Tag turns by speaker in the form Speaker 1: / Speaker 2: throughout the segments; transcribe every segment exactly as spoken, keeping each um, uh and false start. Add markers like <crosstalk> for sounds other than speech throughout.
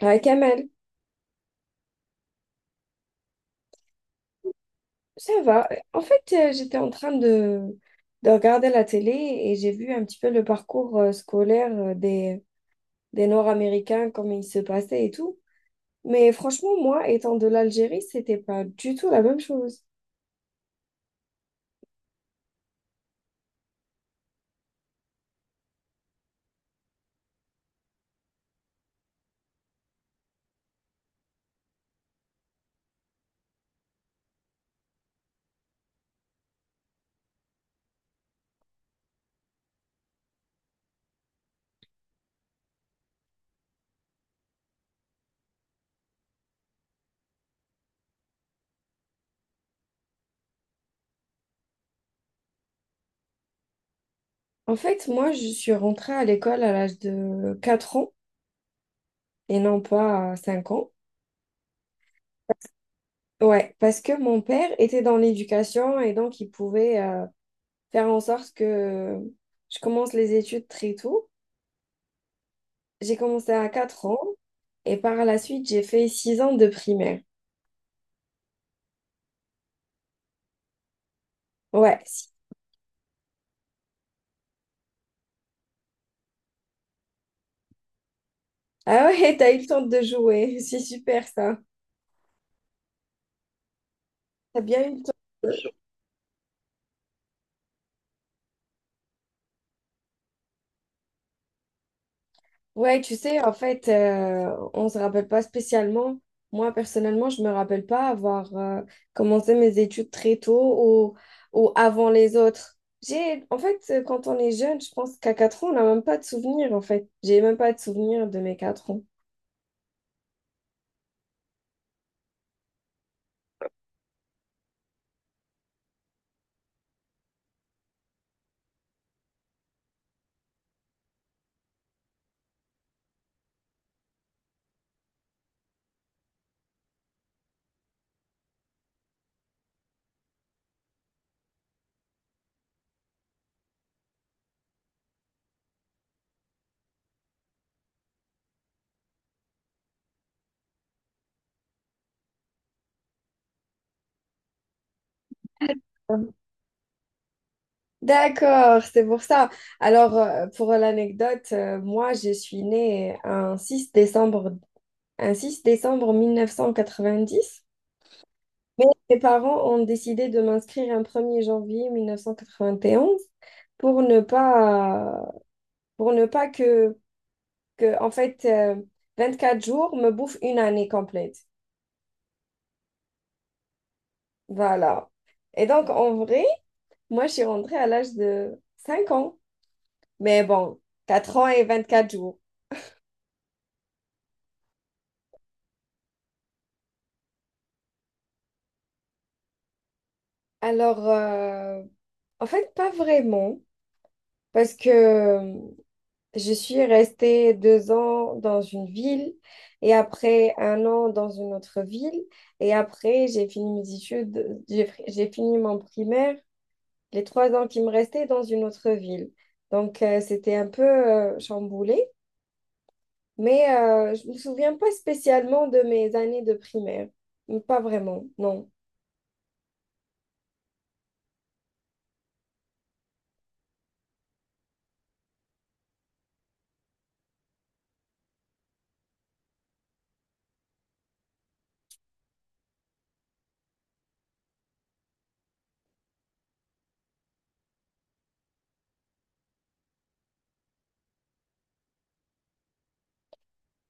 Speaker 1: Ouais, Kamel, ça va. En fait, euh, j'étais en train de, de regarder la télé et j'ai vu un petit peu le parcours euh, scolaire euh, des, des Nord-Américains, comment il se passait et tout. Mais franchement, moi, étant de l'Algérie, c'était pas du tout la même chose. En fait, moi, je suis rentrée à l'école à l'âge de quatre ans et non pas à cinq ans. Ouais, parce que mon père était dans l'éducation et donc il pouvait euh, faire en sorte que euh, je commence les études très tôt. J'ai commencé à quatre ans et par la suite, j'ai fait six ans de primaire. Ouais. Si. Ah ouais, <laughs> t'as eu le temps de jouer. <laughs> C'est super ça. T'as bien eu le temps. Ouais, tu sais, en fait, euh, on se rappelle pas spécialement. Moi, personnellement, je me rappelle pas avoir euh, commencé mes études très tôt ou, ou avant les autres. J'ai, en fait, euh, quand on est jeune, je pense qu'à quatre ans, on n'a même pas de souvenirs, en fait. J'ai même pas de souvenirs de mes quatre ans. D'accord, c'est pour ça. Alors, euh, pour l'anecdote, euh, moi, je suis née un six décembre, un six décembre mille neuf cent quatre-vingt-dix, mais mes parents ont décidé de m'inscrire un premier janvier mille neuf cent quatre-vingt-onze pour ne pas, pour ne pas que, que en fait, euh, vingt-quatre jours me bouffent une année complète. Voilà. Et donc, en vrai, moi, je suis rentrée à l'âge de cinq ans, mais bon, quatre ans et vingt-quatre jours. Alors, euh, en fait, pas vraiment, parce que euh, je suis restée deux ans dans une ville et après un an dans une autre ville et après j'ai fini mes études, j'ai, fri- j'ai fini mon primaire, les trois ans qui me restaient dans une autre ville. Donc, euh, c'était un peu euh, chamboulé, mais euh, je me souviens pas spécialement de mes années de primaire. Pas vraiment, non.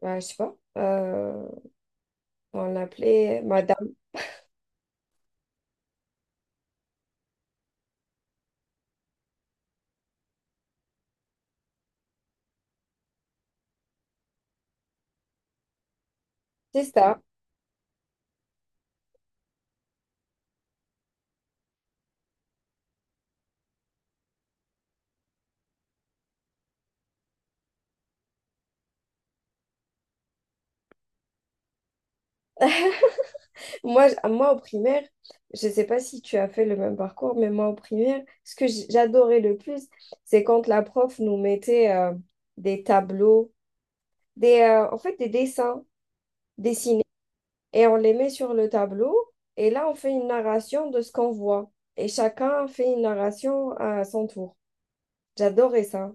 Speaker 1: Ouais, je sais pas. Euh, on l'appelait Madame. C'est ça. Moi, j- moi, au primaire, je ne sais pas si tu as fait le même parcours, mais moi, au primaire, ce que j- j'adorais le plus, c'est quand la prof nous mettait euh, des tableaux, des, euh, en fait, des dessins dessinés, et on les met sur le tableau, et là, on fait une narration de ce qu'on voit, et chacun fait une narration à son tour. J'adorais ça.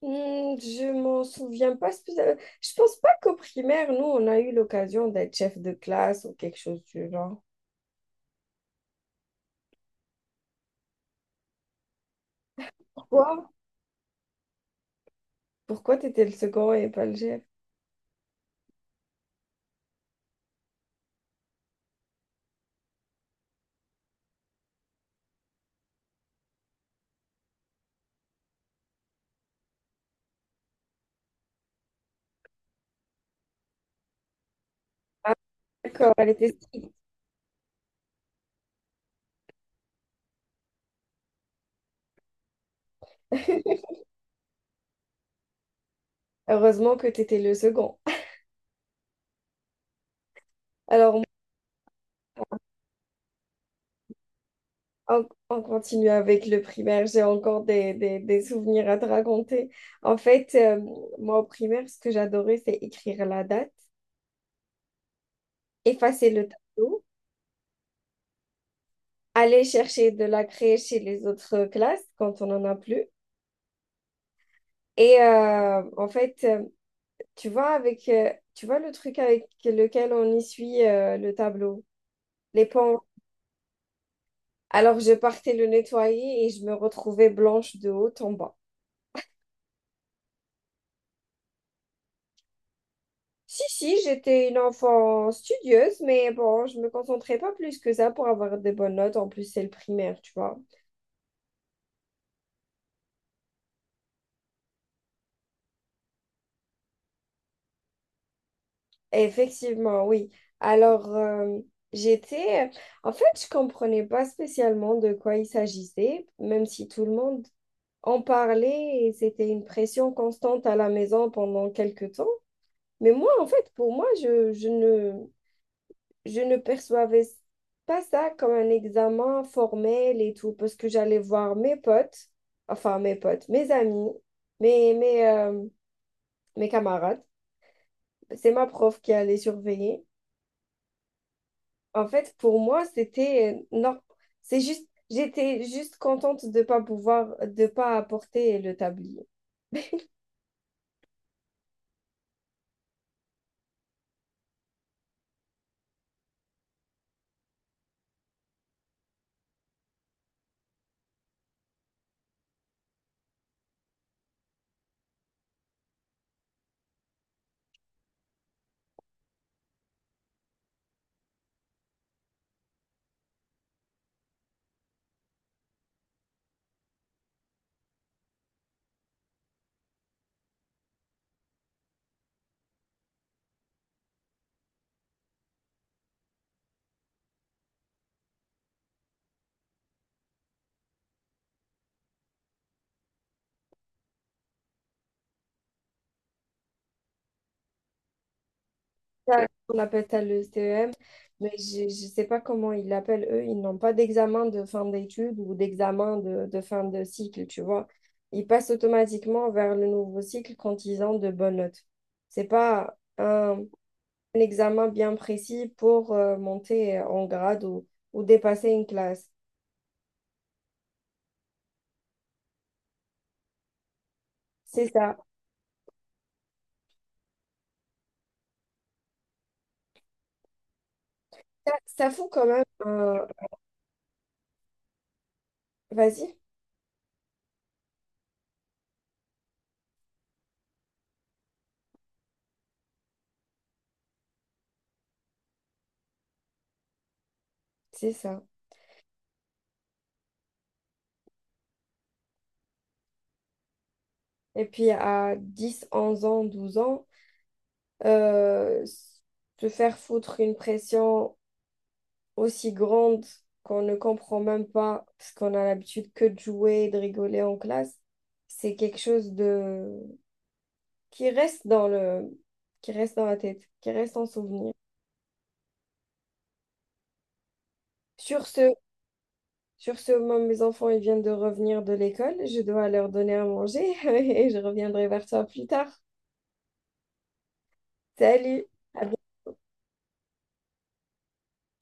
Speaker 1: Hmm, je m'en souviens pas spécialement. Je pense pas qu'au primaire, nous, on a eu l'occasion d'être chef de classe ou quelque chose du genre. Pourquoi? Pourquoi t'étais le second et pas le chef? Ah, d'accord, elle était... <laughs> Heureusement que t'étais le second. Alors, on, on continue avec le primaire. J'ai encore des, des- des souvenirs à te raconter. En fait, euh, moi, au primaire, ce que j'adorais, c'est écrire la date, effacer le tableau, aller chercher de la craie chez les autres classes quand on en a plus. Et euh, en fait, euh, tu vois, avec, euh, tu vois le truc avec lequel on essuie euh, le tableau, les pans. Alors, je partais le nettoyer et je me retrouvais blanche de haut en bas. Si, si, j'étais une enfant studieuse, mais bon, je me concentrais pas plus que ça pour avoir des bonnes notes. En plus, c'est le primaire, tu vois. Effectivement, oui. Alors, euh, j'étais... En fait, je comprenais pas spécialement de quoi il s'agissait, même si tout le monde on parlait et c'était une pression constante à la maison pendant quelques temps. Mais moi, en fait, pour moi, je, je ne, je ne percevais pas ça comme un examen formel et tout, parce que j'allais voir mes potes, enfin mes potes, mes amis, mes, mes, euh, mes camarades. C'est ma prof qui allait surveiller. En fait, pour moi, c'était euh, non. C'est juste, j'étais juste contente de pas pouvoir, de pas apporter le tablier. <laughs> Ça, on appelle ça le C E M, mais je ne sais pas comment ils l'appellent eux. Ils n'ont pas d'examen de fin d'études ou d'examen de, de fin de cycle, tu vois. Ils passent automatiquement vers le nouveau cycle quand ils ont de bonnes notes. C'est pas un, un examen bien précis pour euh, monter en grade ou, ou dépasser une classe. C'est ça. Ça, ça fout quand même un... Vas-y, c'est ça. Et puis à dix, onze ans, douze ans, euh, se faire foutre une pression aussi grande qu'on ne comprend même pas parce qu'on a l'habitude que de jouer et de rigoler en classe, c'est quelque chose de... qui reste dans le... qui reste dans la tête, qui reste en souvenir. Sur ce, Sur ce moment, mes enfants, ils viennent de revenir de l'école. Je dois leur donner à manger <laughs> et je reviendrai vers toi plus tard. Salut, à bientôt.